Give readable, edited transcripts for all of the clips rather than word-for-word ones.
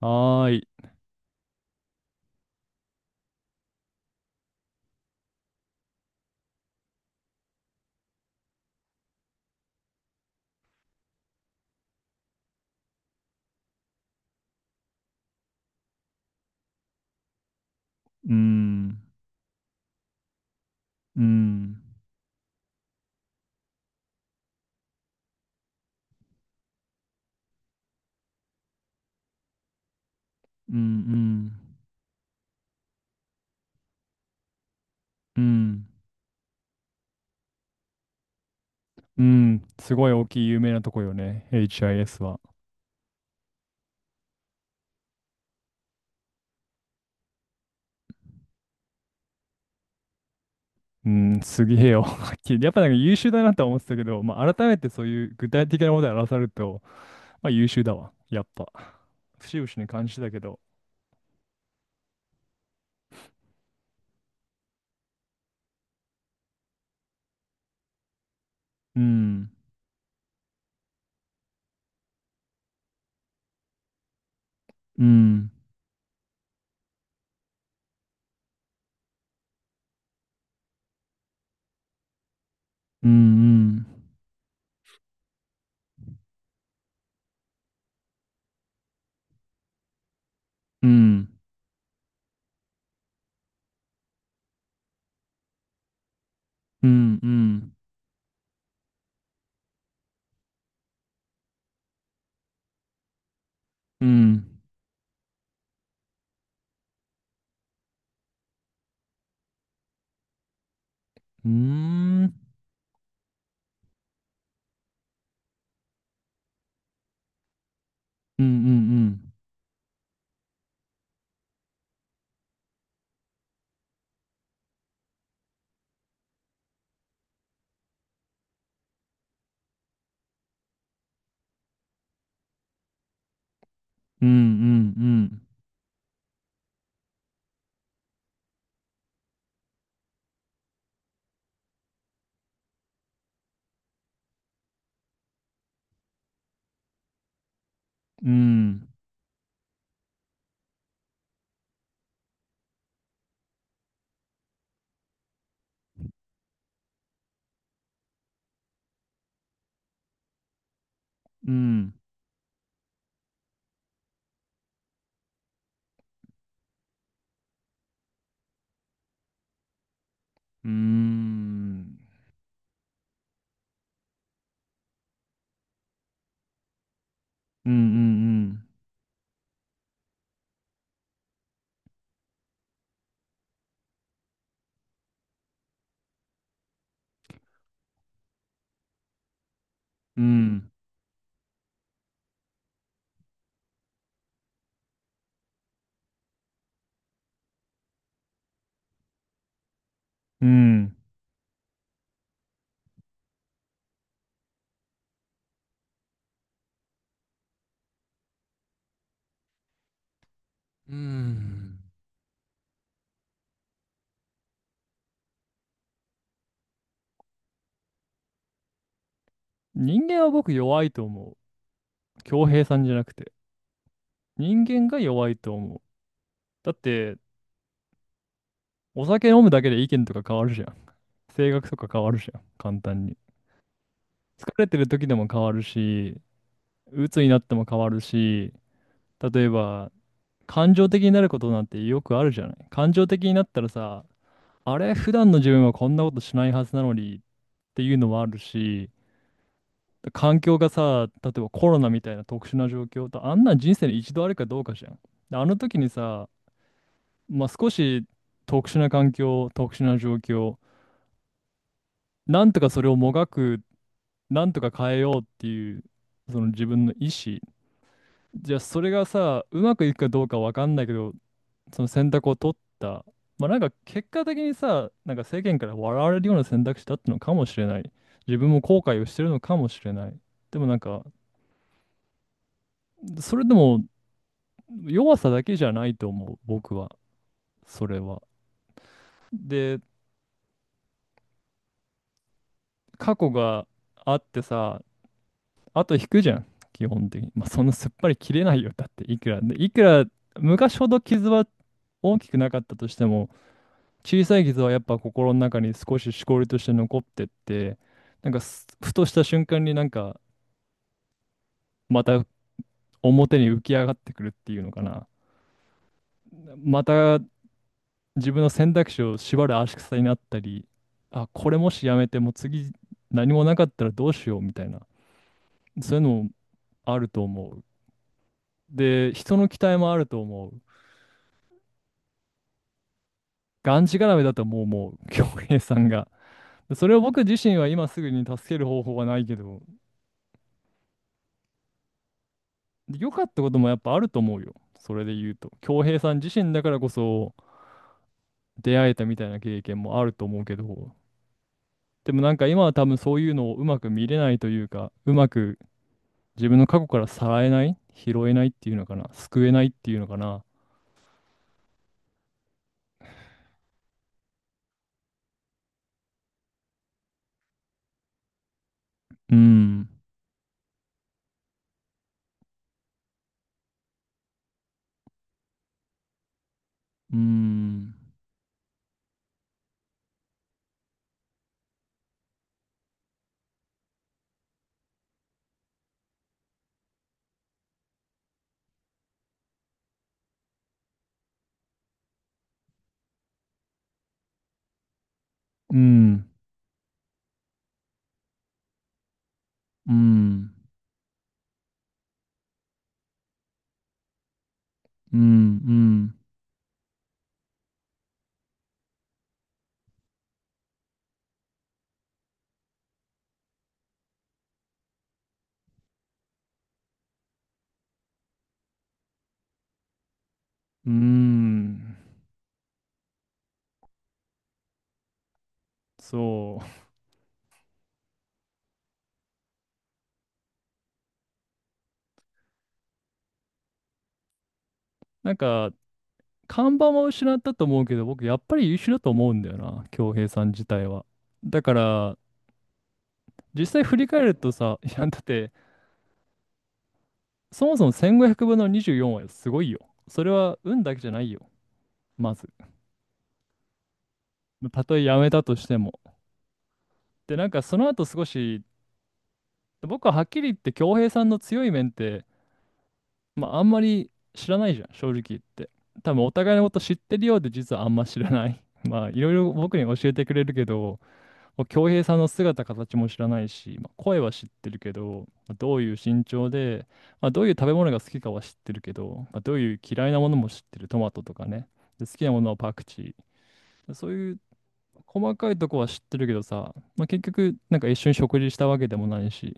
はい、うん、うん、うん、うん、うん、うん、すごい大きい有名なとこよね、HIS は。うん、すげえよ。やっぱり優秀だなって思ったけど、まあ改めてそういう具体的なことで表すると、まあ優秀だわ。やっぱ不思議不思議な感じだけど。うん、うん、うん、うん、うん、うん、うん、うん、うん、うん、うん、うん、うん、うん、うん、うん、うん、うん、うん、うん、うん。うーん。うんうんうん。うん。うん。人間は僕弱いと思う。恭平さんじゃなくて。人間が弱いと思う。だって、お酒飲むだけで意見とか変わるじゃん。性格とか変わるじゃん。簡単に。疲れてる時でも変わるし、鬱になっても変わるし、例えば、感情的になることなんてよくあるじゃない。感情的になったらさ、あれ、普段の自分はこんなことしないはずなのにっていうのもあるし、環境がさ、例えばコロナみたいな特殊な状況と、あんなん人生に一度あるかどうかじゃん。であの時にさ、まあ、少し特殊な環境、特殊な状況、なんとかそれをもがく、なんとか変えようっていう、その自分の意思。じゃあそれがさ、うまくいくかどうかわかんないけど、その選択を取った。まあなんか結果的にさ、なんか世間から笑われるような選択肢だったのかもしれない。自分も後悔をしてるのかもしれない。でもなんか、それでも、弱さだけじゃないと思う、僕は、それは。で、過去があってさ、あと引くじゃん、基本的に。まあ、そんなすっぱり切れないよ、だって、いくら。で、いくら、昔ほど傷は大きくなかったとしても、小さい傷はやっぱ心の中に少ししこりとして残ってって、なんかふとした瞬間になんか、また表に浮き上がってくるっていうのかな。また自分の選択肢を縛る足草になったり、あ、これもしやめてもう次何もなかったらどうしようみたいな、そういうのもあると思う。で、人の期待もあると思う。がんじがらめだともう、恭平さんが。でそれを僕自身は今すぐに助ける方法はないけど、良かったこともやっぱあると思うよ。それで言うと。恭平さん自身だからこそ出会えたみたいな経験もあると思うけど、でもなんか今は多分そういうのをうまく見れないというか、うまく自分の過去からさらえない、拾えないっていうのかな、救えないっていうのかな。うん、うん、うん、うん、うん、うん、そう。なんか、看板は失ったと思うけど、僕やっぱり優秀だと思うんだよな、恭平さん自体は。だから、実際振り返るとさ、いや、だって、そもそも1500分の24はすごいよ。それは運だけじゃないよ、まず。たとえやめたとしても。で、なんかその後少し僕ははっきり言って恭平さんの強い面って、まあ、あんまり知らないじゃん正直言って、多分お互いのこと知ってるようで実はあんま知らない まあいろいろ僕に教えてくれるけど、もう恭平さんの姿形も知らないし、まあ、声は知ってるけど、まあどういう身長で、まあ、どういう食べ物が好きかは知ってるけど、まあ、どういう嫌いなものも知ってる、トマトとかね、で好きなものはパクチー、そういう細かいとこは知ってるけどさ、まあ、結局、なんか一緒に食事したわけでもないし、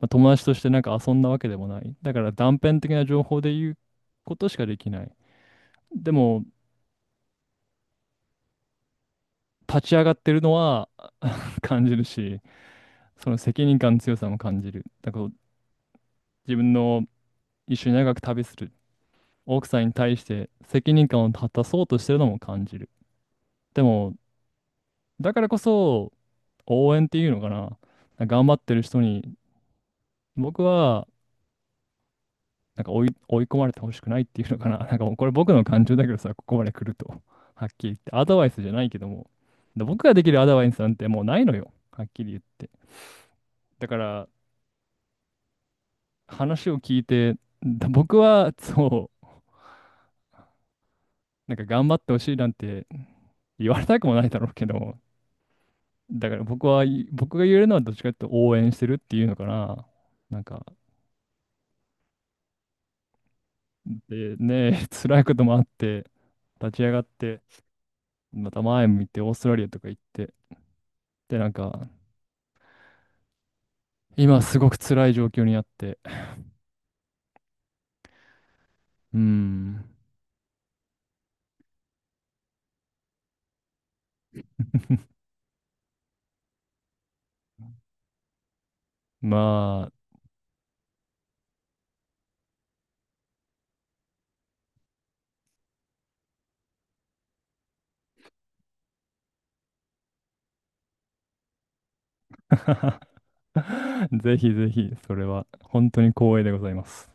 まあ、友達としてなんか遊んだわけでもない。だから断片的な情報で言うことしかできない。でも、立ち上がってるのは 感じるし、その責任感の強さも感じる。だから自分の、一緒に長く旅する奥さんに対して責任感を果たそうとしてるのも感じる。でも、だからこそ応援っていうのかな。頑張ってる人に僕はなんか追い込まれてほしくないっていうのかな。なんかもうこれ僕の感情だけどさ、ここまで来ると。はっきり言って。アドバイスじゃないけども。で僕ができるアドバイスなんてもうないのよ。はっきり言って。だから、話を聞いて、だ僕は、そう、なんか頑張ってほしいなんて言われたくもないだろうけど、だから僕は、僕が言えるのはどっちかというと応援してるっていうのかな。なんか、で、ね、辛いこともあって、立ち上がって、また前向いてオーストラリアとか行って、で、なんか、今すごく辛い状況にあって。うん。まあ ぜひぜひ、それは本当に光栄でございます。